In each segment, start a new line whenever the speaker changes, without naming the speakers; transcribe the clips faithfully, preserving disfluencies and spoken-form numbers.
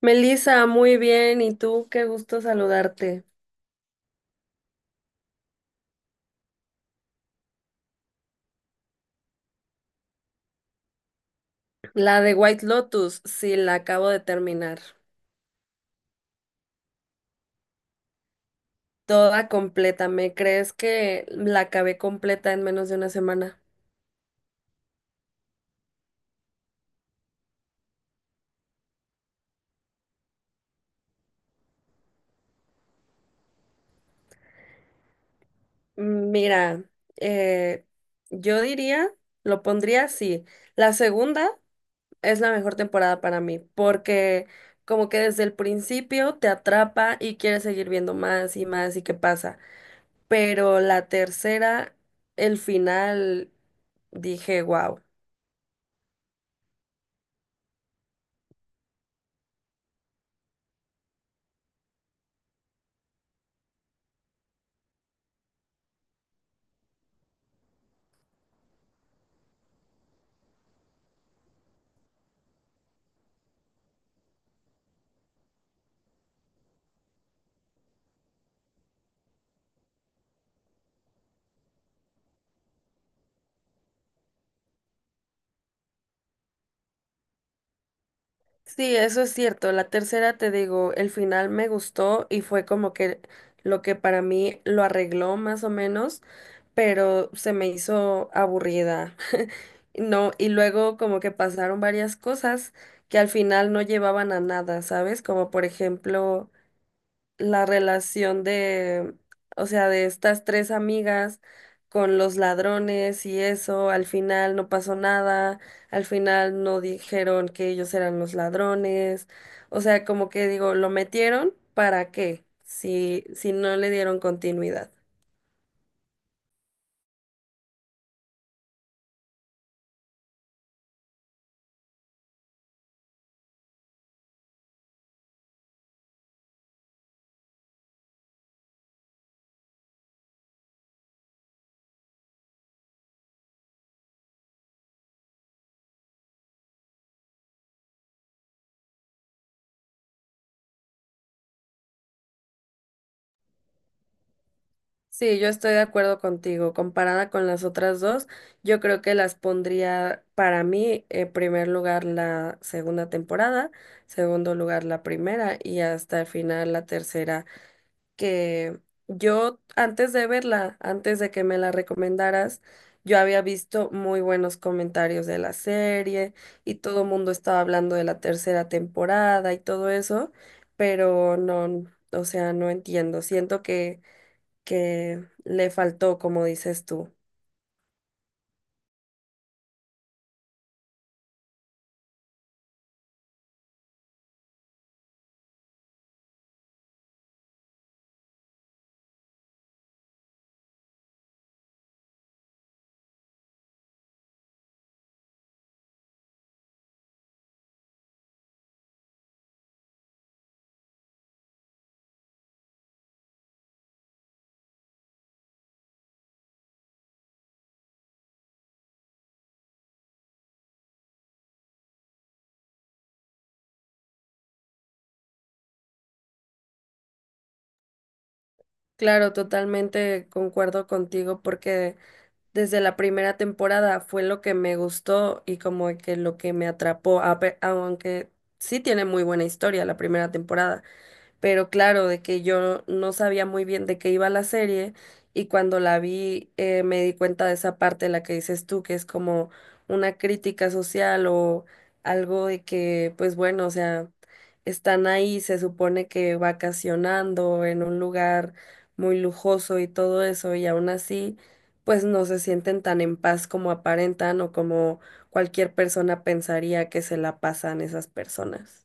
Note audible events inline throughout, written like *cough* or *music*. Melissa, muy bien. ¿Y tú? Qué gusto saludarte. La de White Lotus, sí, la acabo de terminar. Toda completa. ¿Me crees que la acabé completa en menos de una semana? Mira, eh, yo diría, lo pondría así. La segunda es la mejor temporada para mí, porque como que desde el principio te atrapa y quieres seguir viendo más y más y qué pasa. Pero la tercera, el final, dije, wow. Sí, eso es cierto. La tercera, te digo, el final me gustó y fue como que lo que para mí lo arregló más o menos, pero se me hizo aburrida. *laughs* No, y luego como que pasaron varias cosas que al final no llevaban a nada, ¿sabes? Como por ejemplo la relación de, o sea, de estas tres amigas con los ladrones y eso, al final no pasó nada, al final no dijeron que ellos eran los ladrones, o sea, como que digo, lo metieron, ¿para qué? Si, si no le dieron continuidad. Sí, yo estoy de acuerdo contigo. Comparada con las otras dos, yo creo que las pondría para mí en primer lugar la segunda temporada, segundo lugar la primera y hasta el final la tercera, que yo antes de verla, antes de que me la recomendaras, yo había visto muy buenos comentarios de la serie y todo el mundo estaba hablando de la tercera temporada y todo eso, pero no, o sea, no entiendo. Siento que que le faltó, como dices tú. Claro, totalmente concuerdo contigo porque desde la primera temporada fue lo que me gustó y como que lo que me atrapó, a pe- aunque sí tiene muy buena historia la primera temporada. Pero claro, de que yo no sabía muy bien de qué iba la serie y cuando la vi eh, me di cuenta de esa parte, la que dices tú, que es como una crítica social o algo de que, pues bueno, o sea, están ahí, se supone que vacacionando en un lugar muy lujoso y todo eso y aún así, pues no se sienten tan en paz como aparentan o como cualquier persona pensaría que se la pasan esas personas.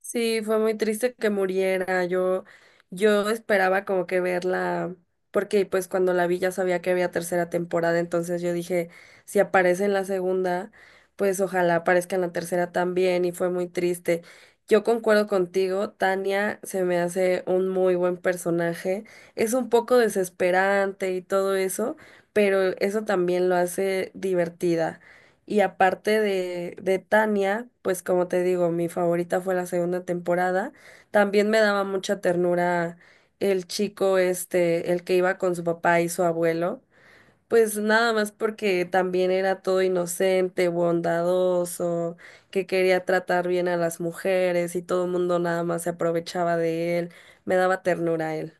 Sí, fue muy triste que muriera. Yo, yo esperaba como que verla, porque pues cuando la vi ya sabía que había tercera temporada, entonces yo dije, si aparece en la segunda, pues ojalá aparezca en la tercera también, y fue muy triste. Yo concuerdo contigo, Tania se me hace un muy buen personaje. Es un poco desesperante y todo eso, pero eso también lo hace divertida. Y aparte de, de Tania, pues como te digo, mi favorita fue la segunda temporada. También me daba mucha ternura el chico este, el que iba con su papá y su abuelo. Pues nada más porque también era todo inocente, bondadoso, que quería tratar bien a las mujeres y todo el mundo nada más se aprovechaba de él. Me daba ternura a él.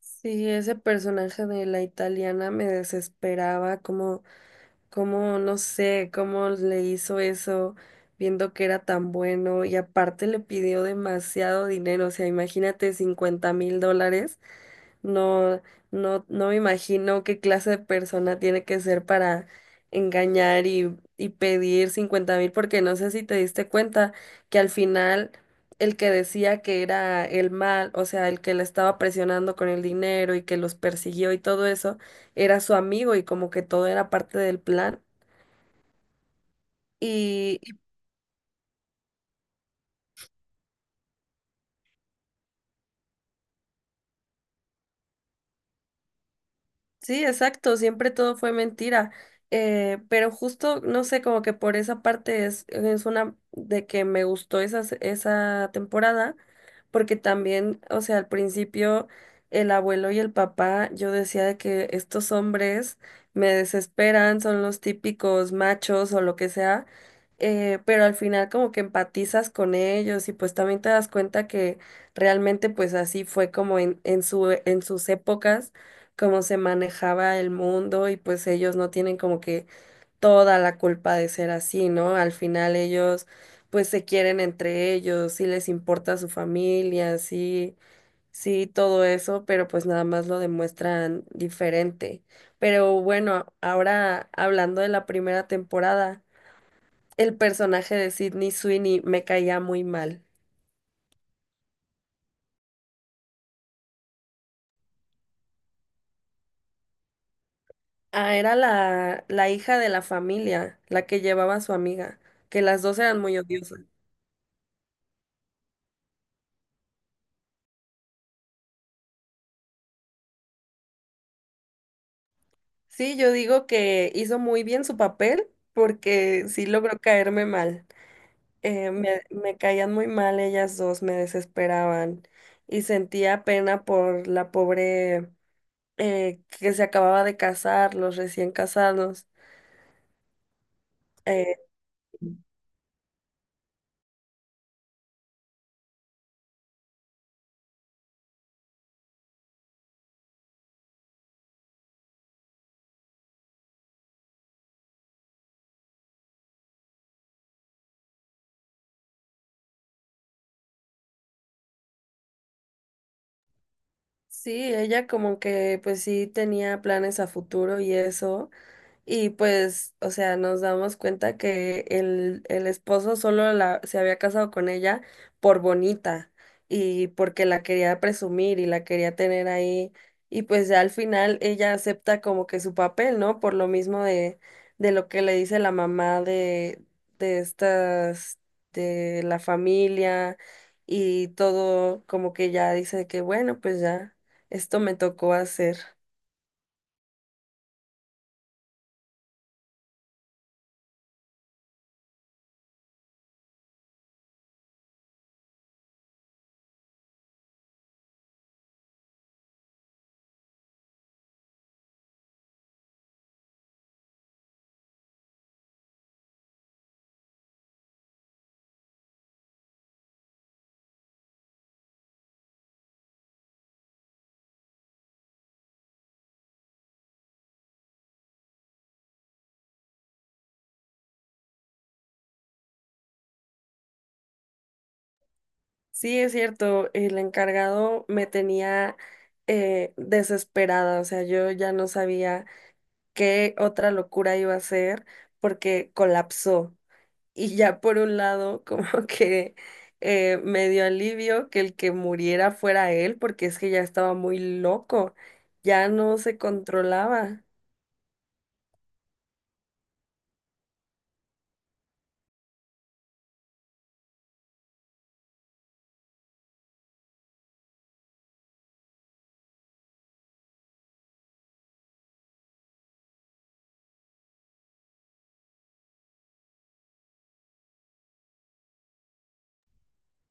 Sí, ese personaje de la italiana me desesperaba, como Cómo, no sé, cómo le hizo eso, viendo que era tan bueno y aparte le pidió demasiado dinero, o sea, imagínate cincuenta mil dólares, no, no, no me imagino qué clase de persona tiene que ser para engañar y, y pedir cincuenta mil, porque no sé si te diste cuenta que al final el que decía que era el mal, o sea, el que le estaba presionando con el dinero y que los persiguió y todo eso, era su amigo y como que todo era parte del plan. Y, y sí, exacto, siempre todo fue mentira. Eh, pero justo, no sé, como que por esa parte es, es una de que me gustó esa, esa temporada, porque también, o sea, al principio el abuelo y el papá, yo decía de que estos hombres me desesperan, son los típicos machos o lo que sea, eh, pero al final como que empatizas con ellos y pues también te das cuenta que realmente pues así fue como en, en su, en sus épocas cómo se manejaba el mundo y pues ellos no tienen como que toda la culpa de ser así, ¿no? Al final ellos pues se quieren entre ellos, sí les importa su familia, sí, sí, todo eso, pero pues nada más lo demuestran diferente. Pero bueno, ahora hablando de la primera temporada, el personaje de Sydney Sweeney me caía muy mal. Ah, era la, la hija de la familia, la que llevaba a su amiga, que las dos eran muy odiosas. Sí, yo digo que hizo muy bien su papel porque sí logró caerme mal. Eh, me, me caían muy mal ellas dos, me desesperaban y sentía pena por la pobre eh, que se acababa de casar, los recién casados. eh, Sí, ella como que pues sí tenía planes a futuro y eso. Y pues, o sea, nos damos cuenta que el, el esposo solo la, se había casado con ella por bonita y porque la quería presumir y la quería tener ahí. Y pues ya al final ella acepta como que su papel, ¿no? Por lo mismo de, de lo que le dice la mamá de, de estas, de la familia y todo, como que ya dice que bueno, pues ya. Esto me tocó hacer. Sí, es cierto, el encargado me tenía eh, desesperada, o sea, yo ya no sabía qué otra locura iba a hacer porque colapsó. Y ya por un lado, como *laughs* que eh, me dio alivio que el que muriera fuera él, porque es que ya estaba muy loco, ya no se controlaba.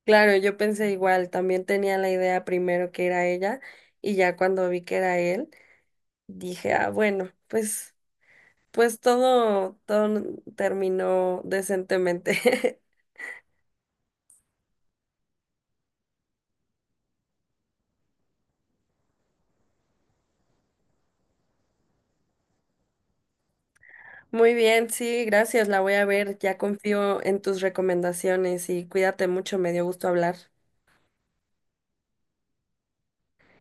Claro, yo pensé igual, también tenía la idea primero que era ella y ya cuando vi que era él. Dije, ah, bueno, pues, pues todo, todo terminó decentemente. *laughs* Muy bien, sí, gracias, la voy a ver. Ya confío en tus recomendaciones y cuídate mucho, me dio gusto hablar.